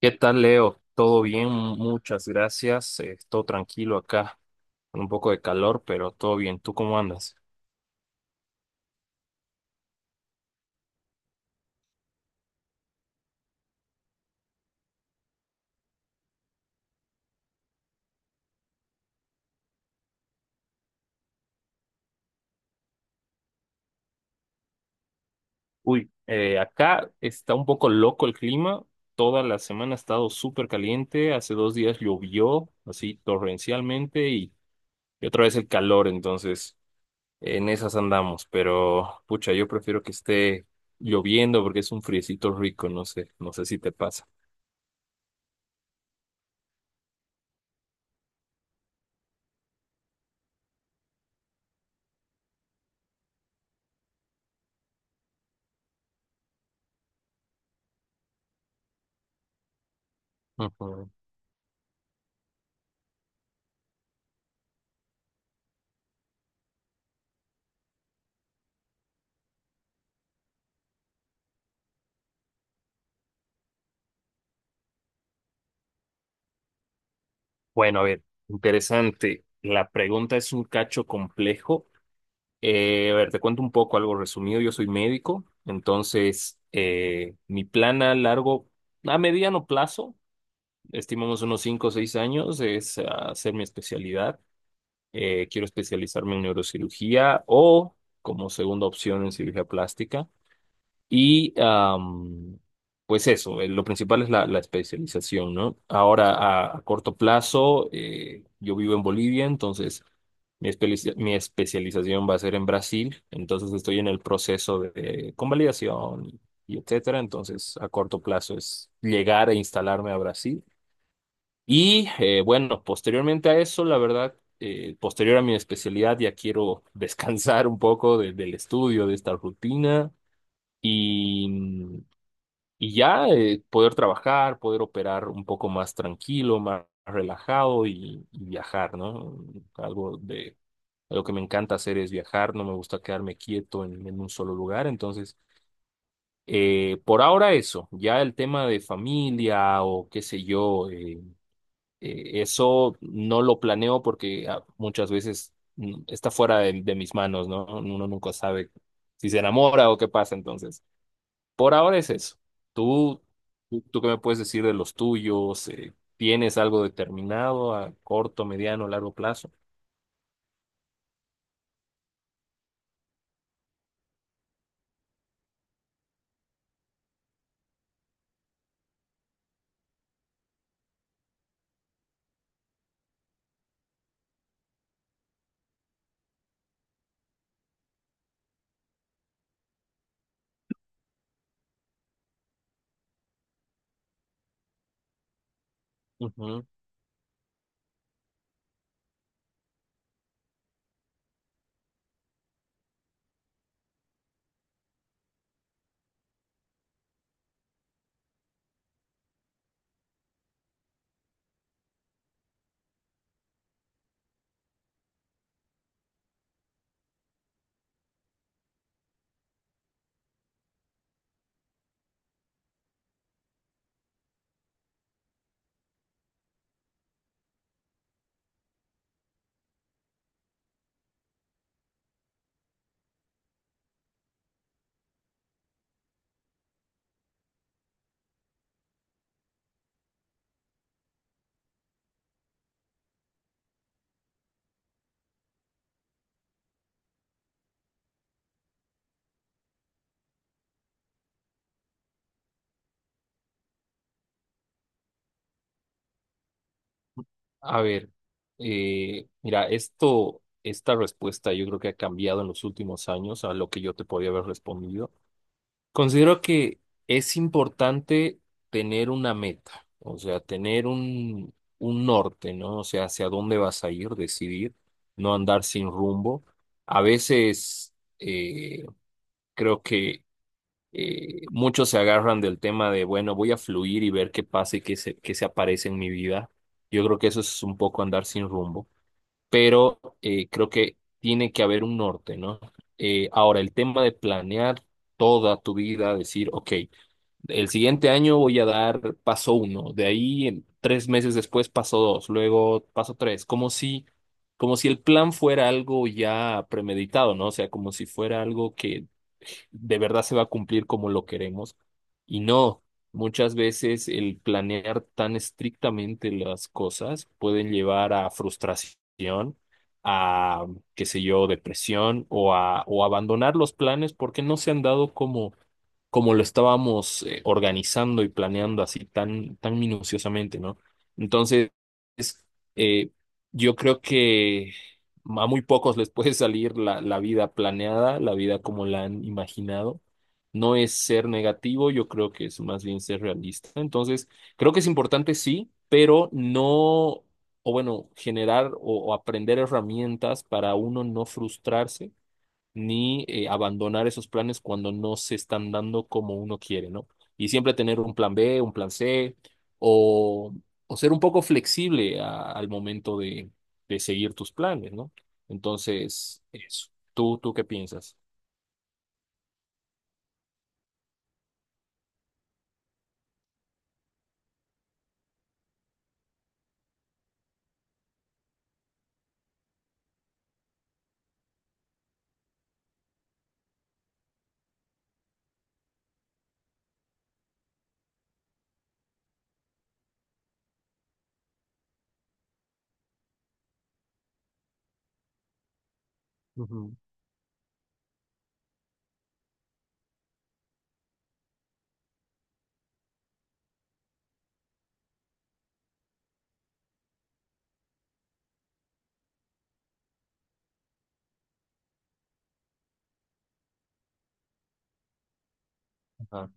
¿Qué tal, Leo? ¿Todo bien? Muchas gracias. Estoy tranquilo acá, con un poco de calor, pero todo bien. ¿Tú cómo andas? Acá está un poco loco el clima. Toda la semana ha estado súper caliente. Hace dos días llovió, así torrencialmente, y otra vez el calor. Entonces, en esas andamos. Pero, pucha, yo prefiero que esté lloviendo porque es un friecito rico. No sé si te pasa. Ujú. Bueno, a ver, interesante. La pregunta es un cacho complejo. A ver, te cuento un poco algo resumido. Yo soy médico, entonces mi plan a largo, a mediano plazo, estimamos unos 5 o 6 años, es hacer mi especialidad. Quiero especializarme en neurocirugía o como segunda opción en cirugía plástica. Y am, pues eso, lo principal es la especialización, ¿no? Ahora, a corto plazo, yo vivo en Bolivia, entonces mi especialización va a ser en Brasil, entonces estoy en el proceso de convalidación y etcétera, entonces a corto plazo es llegar a instalarme a Brasil. Y bueno, posteriormente a eso, la verdad, posterior a mi especialidad ya quiero descansar un poco del estudio, de esta rutina. Y y ya poder trabajar, poder operar un poco más tranquilo, más relajado y viajar, ¿no? Algo de lo que me encanta hacer es viajar, no me gusta quedarme quieto en un solo lugar, entonces por ahora eso. Ya el tema de familia o qué sé yo, eso no lo planeo porque muchas veces está fuera de mis manos, ¿no? Uno nunca sabe si se enamora o qué pasa entonces. Por ahora es eso. ¿Tú, tú qué me puedes decir de los tuyos? ¿Tienes algo determinado a corto, mediano, largo plazo? Ujú. A ver, mira, esto, esta respuesta yo creo que ha cambiado en los últimos años a lo que yo te podía haber respondido. Considero que es importante tener una meta, o sea, tener un norte, ¿no? O sea, hacia dónde vas a ir, decidir, no andar sin rumbo. A veces... eh, Creo que muchos se agarran del tema de, bueno, voy a fluir y ver qué pasa y qué se aparece en mi vida. Yo creo que eso es un poco andar sin rumbo, pero creo que tiene que haber un norte, ¿no? Ahora, el tema de planear toda tu vida, decir, ok. El siguiente año voy a dar paso uno, tres meses después paso dos, luego paso tres, como si el plan fuera algo ya premeditado, ¿no? O sea, como si fuera algo que de verdad se va a cumplir como lo queremos. Y no, muchas veces el planear tan estrictamente las cosas pueden llevar a frustración, a, qué sé yo, depresión o o abandonar los planes porque no se han dado como lo estábamos organizando y planeando así tan, tan minuciosamente, ¿no? Entonces, eh, yo creo que a muy pocos les puede salir la vida planeada, la vida como la han imaginado. No es ser negativo, yo creo que es más bien ser realista. Entonces, creo que es importante, sí, pero no, o bueno, generar o aprender herramientas para uno no frustrarse ni abandonar esos planes cuando no se están dando como uno quiere, ¿no? Y siempre tener un plan B, un plan C, o, o ser un poco flexible al momento de seguir tus planes, ¿no? Entonces, eso. ¿Tú qué piensas? Ujú. Ah,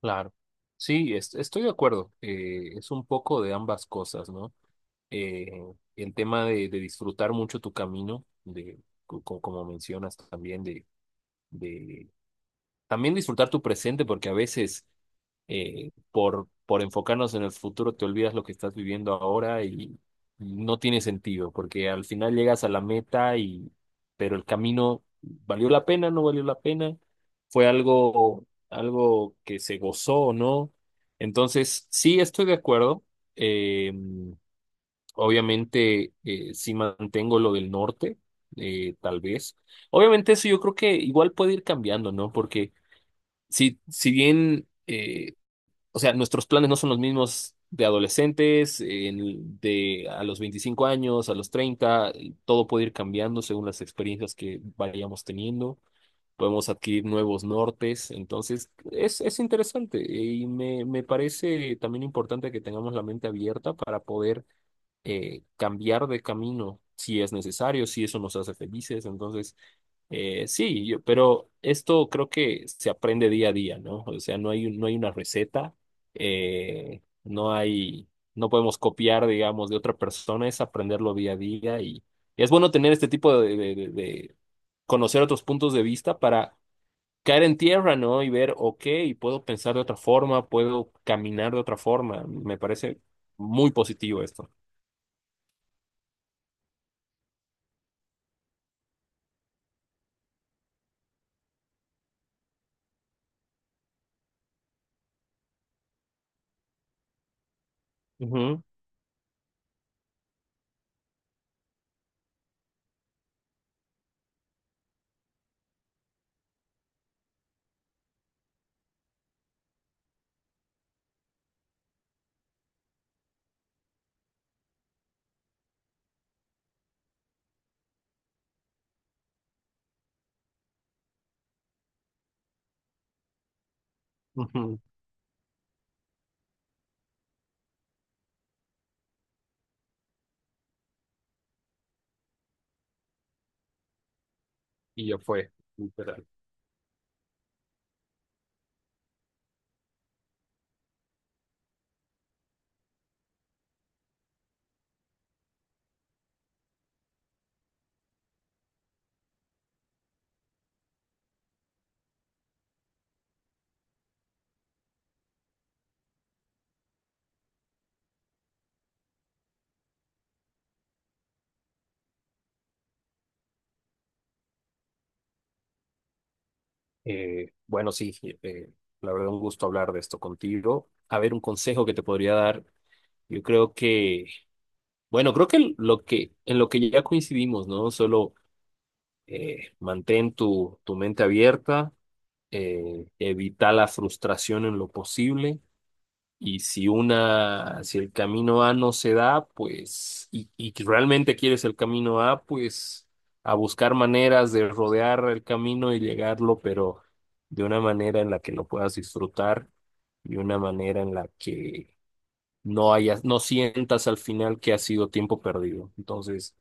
claro. Sí, estoy de acuerdo. Es un poco de ambas cosas, ¿no? Eh, el tema de disfrutar mucho tu camino, de, como mencionas también, de también disfrutar tu presente porque a veces por enfocarnos en el futuro te olvidas lo que estás viviendo ahora y no tiene sentido porque al final llegas a la meta y pero el camino valió la pena, no valió la pena, fue algo, algo que se gozó o no. Entonces, sí, estoy de acuerdo. Eh, Obviamente, sí mantengo lo del norte, tal vez. Obviamente eso yo creo que igual puede ir cambiando, ¿no? Porque si bien, o sea, nuestros planes no son los mismos de adolescentes, de a los 25 años, a los 30, todo puede ir cambiando según las experiencias que vayamos teniendo. Podemos adquirir nuevos nortes, entonces es interesante y me parece también importante que tengamos la mente abierta para poder cambiar de camino si es necesario, si eso nos hace felices. Entonces, sí, pero esto creo que se aprende día a día, ¿no? O sea, no hay, no hay una receta, no hay, no podemos copiar, digamos, de otra persona, es aprenderlo día a día y es bueno tener este tipo de, de conocer otros puntos de vista para caer en tierra, ¿no? Y ver, ok, puedo pensar de otra forma, puedo caminar de otra forma. Me parece muy positivo esto. Ujú, ujú. Y ya fue. Literal. Bueno, sí, eh, la verdad un gusto hablar de esto contigo. A ver, un consejo que te podría dar. Yo creo que, bueno, creo que lo que en lo que ya coincidimos, ¿no? Solo mantén tu, tu mente abierta, evita la frustración en lo posible y si una, si el camino A no se da, pues, y que realmente quieres el camino A, pues a buscar maneras de rodear el camino y llegarlo, pero de una manera en la que lo puedas disfrutar y una manera en la que no hayas, no sientas al final que ha sido tiempo perdido. Entonces,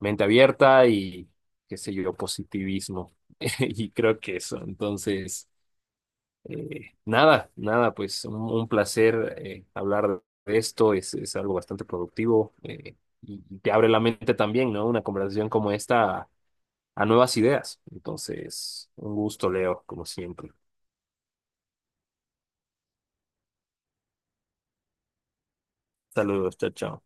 mente abierta y, qué sé yo, positivismo. Y creo que eso. Entonces. Nada, pues un placer hablar de esto, es algo bastante productivo y te abre la mente también, ¿no? Una conversación como esta a nuevas ideas. Entonces, un gusto, Leo, como siempre. Saludos, chao, chao.